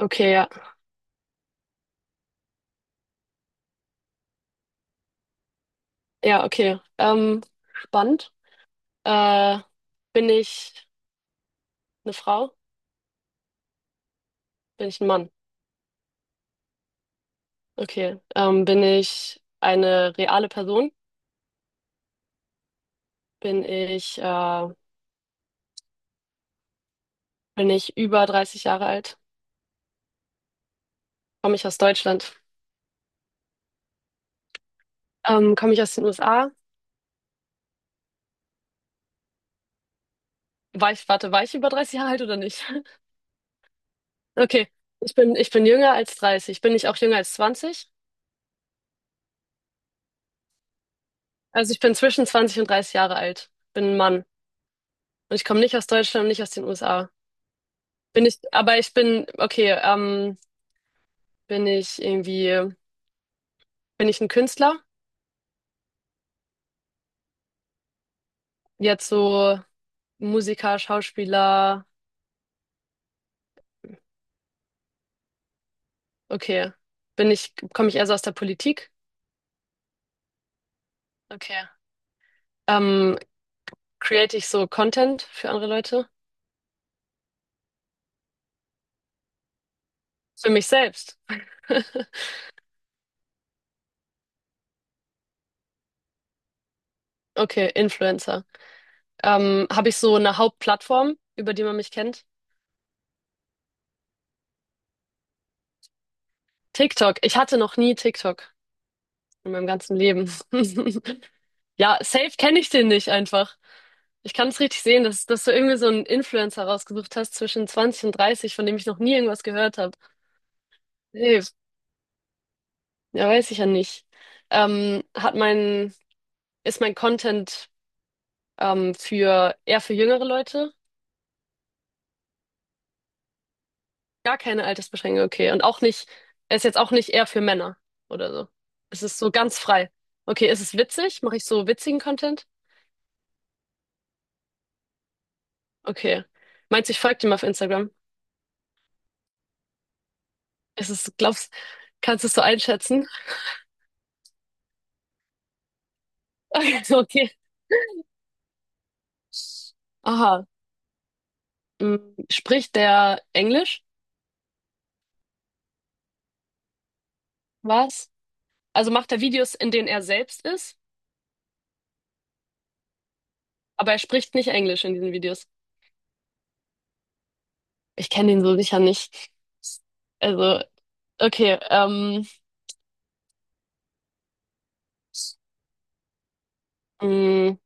Okay, ja. Ja, okay. Spannend. Äh, bin ich eine Frau? Bin ich ein Mann? Okay. Bin ich eine reale Person? Bin ich, äh, bin ich über dreißig Jahre alt? Komme ich aus Deutschland? Komme ich aus den USA? War ich, warte, war ich über 30 Jahre alt oder nicht? Okay. Ich bin jünger als dreißig. Bin ich auch jünger als 20? Also ich bin zwischen zwanzig und 30 Jahre alt. Bin ein Mann. Und ich komme nicht aus Deutschland und nicht aus den USA. Bin ich, aber ich bin, okay, bin ich irgendwie, bin ich ein Künstler? Jetzt so Musiker, Schauspieler, okay. Komme ich eher so aus der Politik? Okay. Ähm, create ich so Content für andere Leute? Für mich selbst. Okay, Influencer. Habe ich so eine Hauptplattform, über die man mich kennt? TikTok. Ich hatte noch nie TikTok in meinem ganzen Leben. Ja, safe kenne ich den nicht einfach. Ich kann es richtig sehen, dass du irgendwie so einen Influencer rausgesucht hast zwischen 20 und 30, von dem ich noch nie irgendwas gehört habe. Nee, ja, weiß ich ja nicht. Ähm, hat mein, ist mein Content für eher für jüngere Leute? Gar keine Altersbeschränkung, okay. Und auch nicht, er ist jetzt auch nicht eher für Männer oder so. Es ist so ganz frei. Okay, ist es witzig? Mache ich so witzigen Content? Okay. Meinst du, ich folge dem auf Instagram? Ist es, glaubst, kannst du es so einschätzen? okay. Aha. Mm, Spricht der Englisch? Was? Also macht er Videos, in denen er selbst ist, aber er spricht nicht Englisch in diesen Videos. Ich kenne ihn so sicher nicht. Also, okay, mm,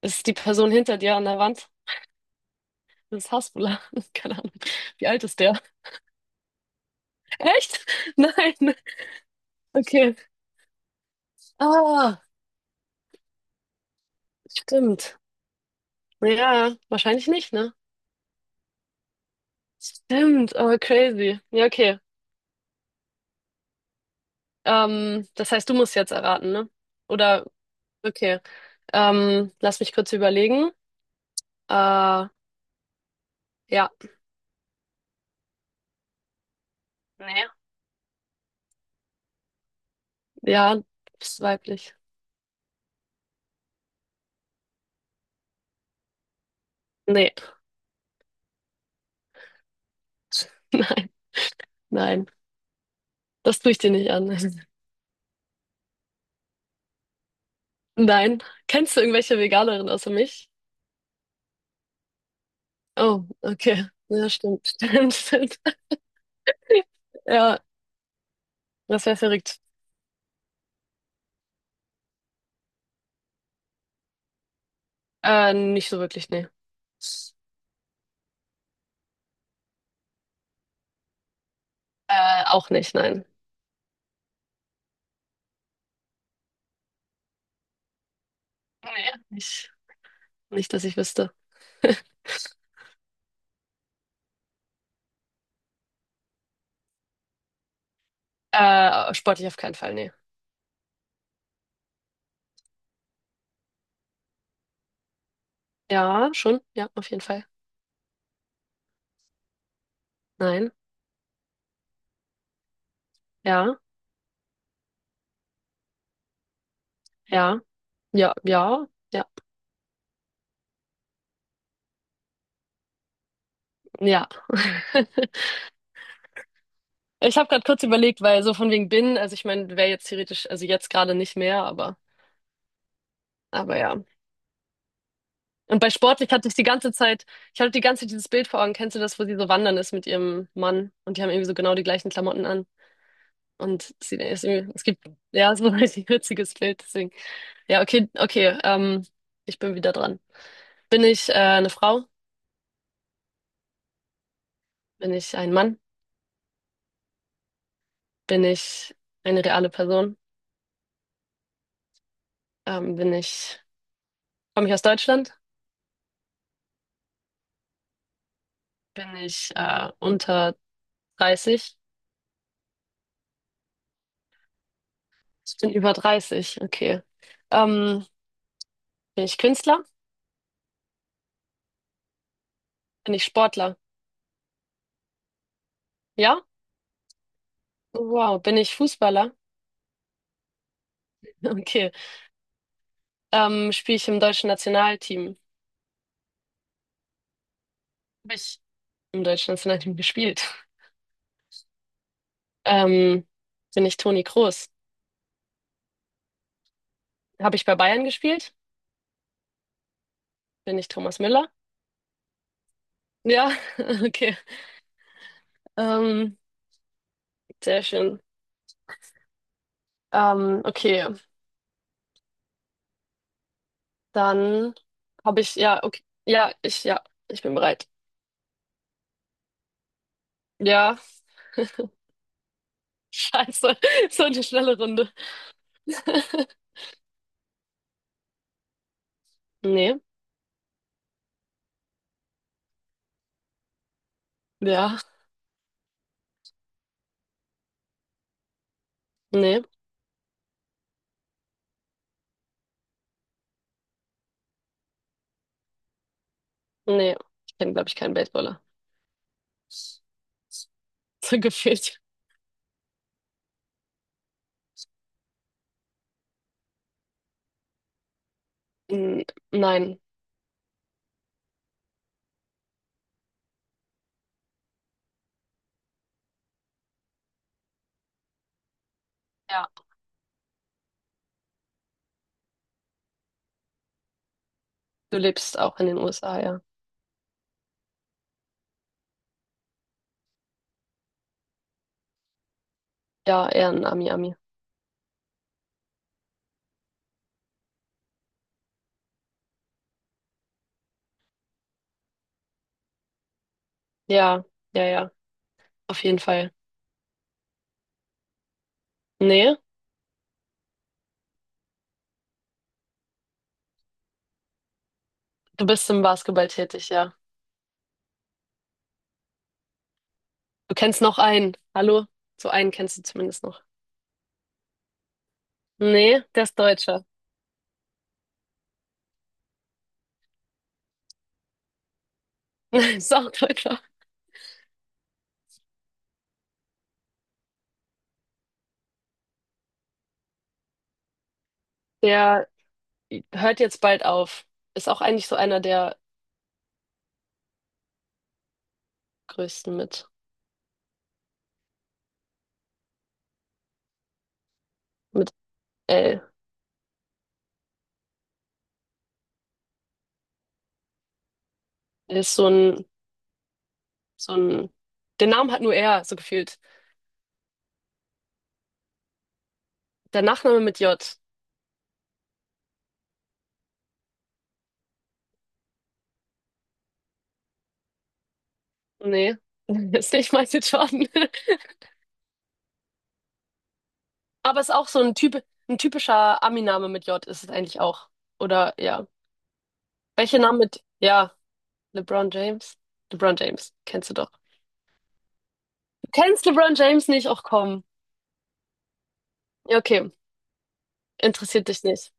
ist die Person hinter dir an der Wand? Das ist Hasbula. Keine Ahnung. Wie alt ist der? Echt? Nein. Okay. Ah, stimmt. Ja, wahrscheinlich nicht, ne? Stimmt, aber crazy. Ja, okay. Das heißt, du musst jetzt erraten, ne? Oder, okay. Lass mich kurz überlegen. Äh, ja, Nee. Ja, bist weiblich. Nee. Nein, nein. Das tue ich dir nicht an. Nein. Kennst du irgendwelche Veganerinnen außer mich? Oh, okay. Ja, stimmt, stimmt, stimmt. Ja, das wäre verrückt. Nicht so wirklich, nee. Auch nicht, nein. Nee. Nicht, nicht, dass ich wüsste. Sportlich auf keinen Fall, nee. Ja, schon, ja, auf jeden Fall. Nein, ja, ja, ja, ja, ja. Ja. Ich habe gerade kurz überlegt, weil so von wegen bin, also ich meine, wäre jetzt theoretisch, also jetzt gerade nicht mehr, aber ja. Und bei sportlich hatte ich die ganze Zeit, ich hatte die ganze Zeit dieses Bild vor Augen, kennst du das, wo sie so wandern ist mit ihrem Mann und die haben irgendwie so genau die gleichen Klamotten an. Und sie ist irgendwie, es gibt, ja, so ein richtig witziges Bild, deswegen. Ja, okay, okay, ich bin wieder dran. Bin ich eine Frau? Bin ich ein Mann? Bin ich eine reale Person? Ähm, bin ich, komme ich aus Deutschland? Bin ich unter 30? Ich bin über 30, okay. Ähm, bin ich Künstler? Bin ich Sportler? Ja? Wow, bin ich Fußballer? Okay. Spiele ich im deutschen Nationalteam? Habe ich im deutschen Nationalteam gespielt? Ähm, bin ich Toni Kroos? Habe ich bei Bayern gespielt? Bin ich Thomas Müller? Ja, okay. Ähm, sehr schön. Okay, dann habe ich, ja, okay. Ja, ich bin bereit. Ja, scheiße, so eine schnelle Runde. Nee, ja, nee, nee. Ich kenne, glaube ich, keinen Baseballer. So gefühlt. N- Nein. Ja. Du lebst auch in den USA, ja. Ja, eher ein Ami-Ami. Ja, ja, ja. Auf jeden Fall. Nee, du bist im Basketball tätig, ja. Du kennst noch einen. Hallo? So einen kennst du zumindest noch. Nee, der ist Deutscher. Ist auch Deutscher. Der hört jetzt bald auf. Ist auch eigentlich so einer der größten mit L. Er ist so ein, den Namen hat nur er, so gefühlt. Der Nachname mit J. Nee, ist nicht Michael Jordan. Aber ist auch so ein Typ, ein typischer Ami-Name mit J ist es eigentlich auch. Oder ja. Welche Namen mit, ja, LeBron James. LeBron James, kennst du doch. Du kennst LeBron James nicht? Ach komm. Ja, okay. Interessiert dich nicht.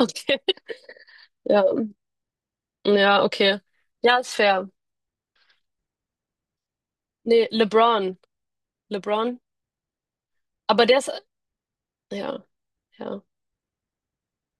Okay. Ja. Ja, okay. Ja, ist fair. Nee, LeBron. LeBron. Aber der ist, ja, ja.